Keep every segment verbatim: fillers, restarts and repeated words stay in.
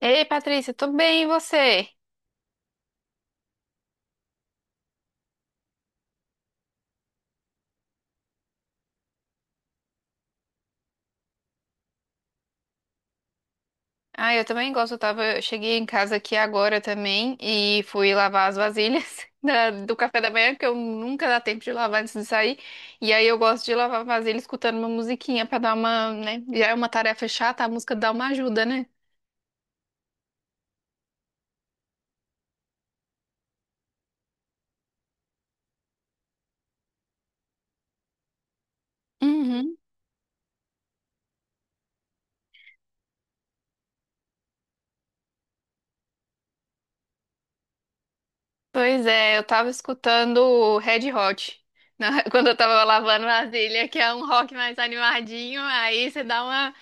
Ei, Patrícia, tudo bem, e você? Ah, eu também gosto. Eu tava, eu cheguei em casa aqui agora também e fui lavar as vasilhas da- do café da manhã, porque eu nunca dá tempo de lavar antes de sair. E aí eu gosto de lavar vasilha escutando uma musiquinha pra dar uma, né? Já é uma tarefa chata, a música dá uma ajuda, né? Uhum. Pois é, eu tava escutando Red Hot na- quando eu tava lavando vasilha, que é um rock mais animadinho, aí você dá uma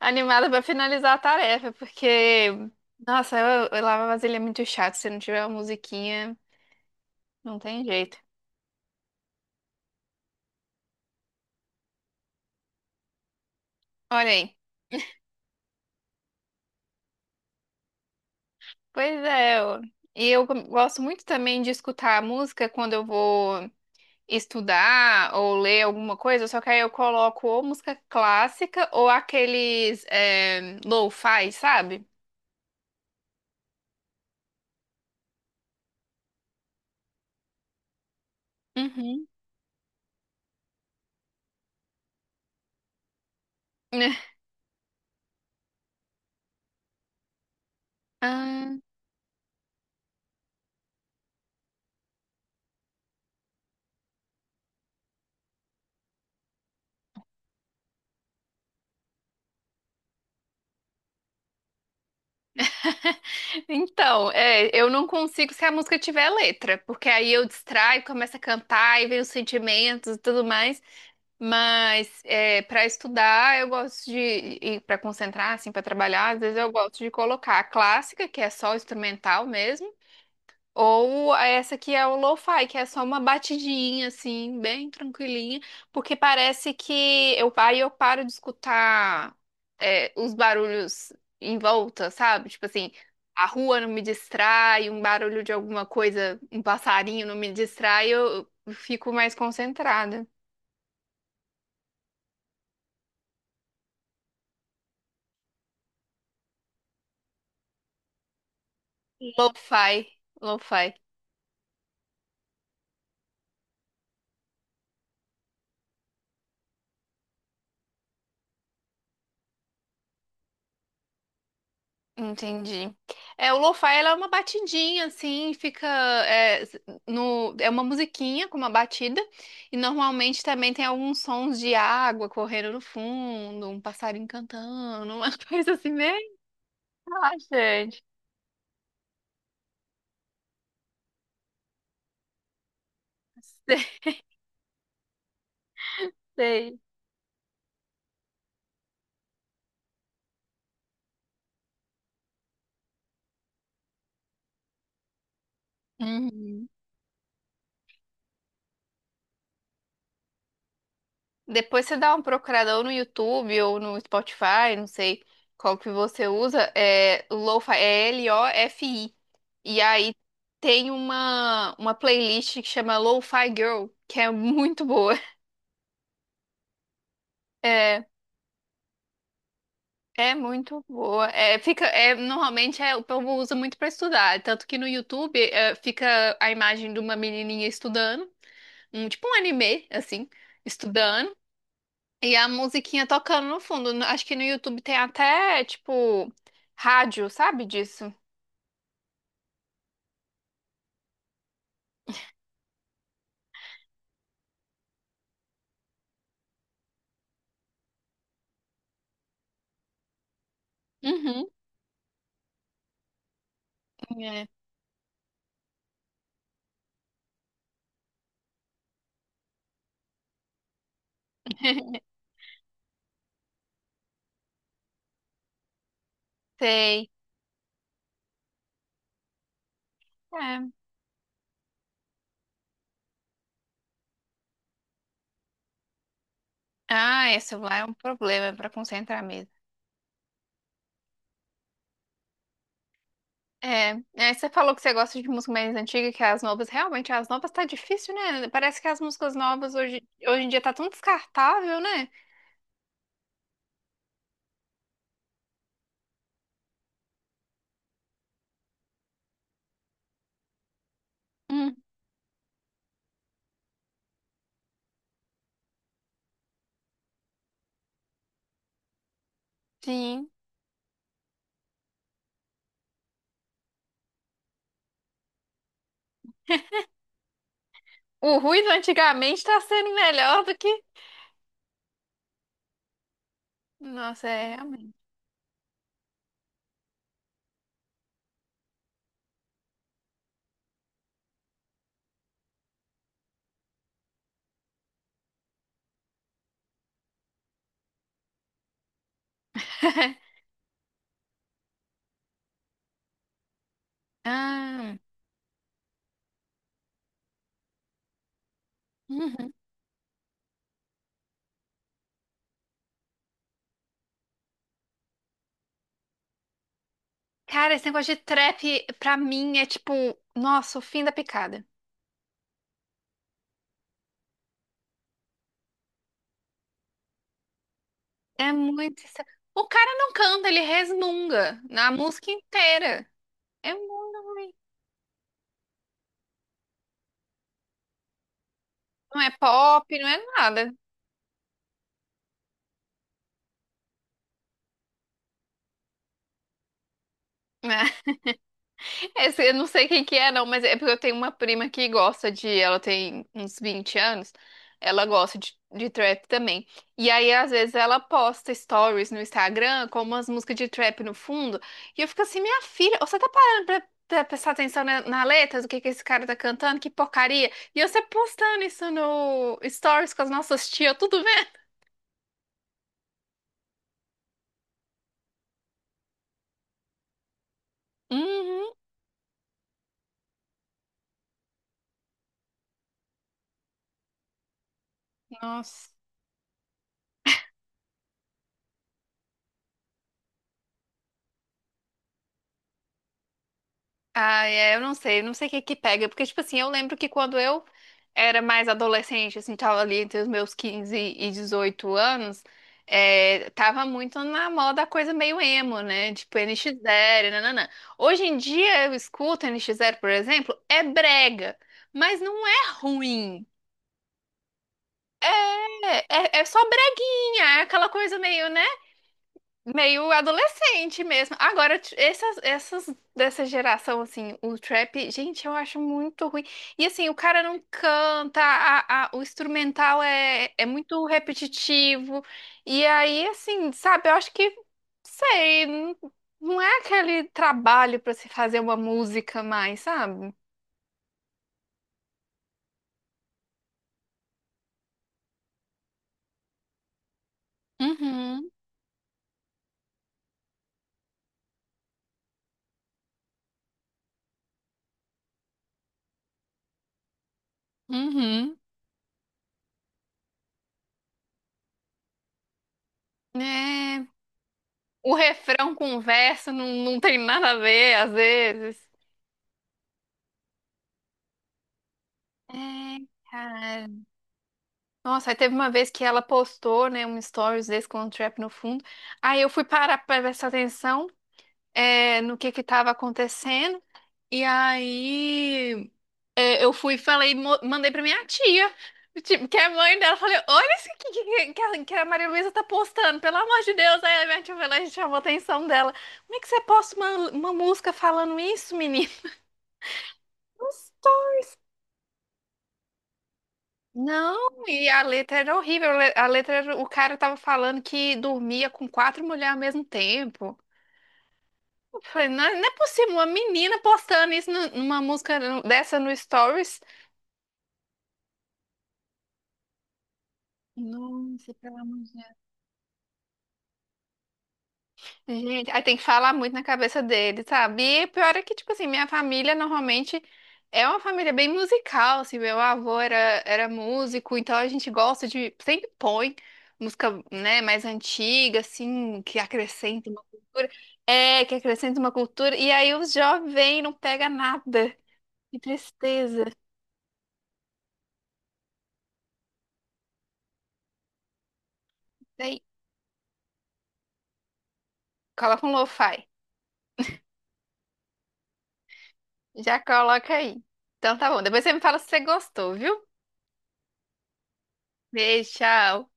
animada pra finalizar a tarefa, porque, nossa, eu, eu lavar vasilha é muito chato. Se não tiver uma musiquinha, não tem jeito. Olha aí. Pois é, eu- e eu com- gosto muito também de escutar a música quando eu vou estudar ou ler alguma coisa, só que aí eu coloco ou música clássica ou aqueles é, lo-fi, sabe? Uhum. Ah, então, é, eu não consigo se a música tiver letra, porque aí eu distraio, começo a cantar e vem os sentimentos e tudo mais. Mas é, para estudar, eu gosto de, e para concentrar, assim, para trabalhar, às vezes eu gosto de colocar a clássica, que é só instrumental mesmo. Ou essa que é o lo-fi, que é só uma batidinha, assim, bem tranquilinha, porque parece que eu, aí eu paro de escutar é, os barulhos em volta, sabe? Tipo assim, a rua não me distrai, um barulho de alguma coisa, um passarinho não me distrai, eu eu fico mais concentrada. Lo-fi, lo-fi. Entendi. É, o lo-fi ela é uma batidinha assim, fica é, s- no é uma musiquinha com uma batida e normalmente também tem alguns sons de água correndo no fundo, um passarinho cantando, uma coisa assim meio relaxante. Sei. Sei. Uhum. Depois você dá uma procuradão no YouTube ou no Spotify, não sei qual que você usa, é Lo-Fi, é L-O-F-I. E aí tem uma, uma playlist que chama Lo-Fi Girl, que é muito boa. É, é muito boa. É, fica, é, normalmente é, o povo usa muito para estudar, tanto que no YouTube é, fica a imagem de uma menininha estudando, um, tipo um anime, assim, estudando. E a musiquinha tocando no fundo. No- Acho que no YouTube tem até, tipo, rádio, sabe disso? Uhum. É. Sei. É. Ah, esse celular é um problema pra concentrar mesmo. É, é, você falou que você gosta de música mais antiga que as novas. Realmente, as novas tá difícil, né? Parece que as músicas novas hoje, hoje em dia tá tão descartável, né? Hum. Sim. O ruído antigamente tá sendo melhor do que. Nossa, é realmente. Ah. Uhum. Cara, esse negócio de trap, pra mim, é tipo, nossa, o fim da picada. É muito. estra- O cara não canta, ele resmunga na música inteira. É muito ruim. Não é pop, não é nada. Né? Esse, eu não sei quem que é, não, mas é porque eu tenho uma prima que gosta de. Ela tem uns vinte anos. Ela gosta de, de trap também. E aí, às vezes, ela posta stories no Instagram com umas músicas de trap no fundo. E eu fico assim, minha filha, você tá parando pra, pra prestar atenção na, na letra do que que esse cara tá cantando? Que porcaria! E você postando isso no stories com as nossas tias, tudo vendo? Uhum. Nossa. Ah, é, eu não sei, não sei o que que pega, porque, tipo assim, eu lembro que quando eu era mais adolescente, assim, tava ali entre os meus quinze e dezoito anos, é, tava muito na moda a coisa meio emo, né? Tipo N NX Zero, nananã. Hoje em dia eu escuto N NX Zero, por exemplo, é brega, mas não é ruim. É, é, é só breguinha, é aquela coisa meio, né? Meio adolescente mesmo. Agora, t- essas, essas dessa geração, assim, o trap, gente, eu acho muito ruim. E assim, o cara não canta, a- a- o instrumental é, é muito repetitivo. E aí, assim, sabe, eu acho que, sei, não, não é aquele trabalho pra se fazer uma música mais, sabe? Uhum, uhum. É, o refrão com o verso não, não tem nada a ver, às vezes. É, nossa, aí teve uma vez que ela postou, né, um stories desse com um trap no fundo. Aí eu fui parar pra prestar atenção, é, no que que tava acontecendo. E aí é, eu fui e falei, mo- mandei pra minha tia, tipo, que é mãe dela. Falei, olha isso que, que, que, a, que a Maria Luísa tá postando, pelo amor de Deus. Aí a minha tia foi lá e chamou a atenção dela. Como é que você posta uma, uma música falando isso, menino? Não, e a letra era horrível. A le- a letra, era- o cara tava falando que dormia com quatro mulheres ao mesmo tempo. Eu falei, não, é, não é possível, uma menina postando isso nu- numa música nu- dessa no Stories. Nossa, pelo amor. Gente, aí tem que falar muito na cabeça dele, sabe? E pior é que, tipo assim, minha família normalmente é uma família bem musical, assim, meu avô era, era músico, então a gente gosta de, sempre põe música, né, mais antiga, assim, que acrescenta uma cultura, é, que acrescenta uma cultura, e aí os jovens não pega nada, que tristeza. Aí, coloca um lo-fi, já coloca aí. Então tá bom, depois você me fala se você gostou, viu? Beijo, tchau.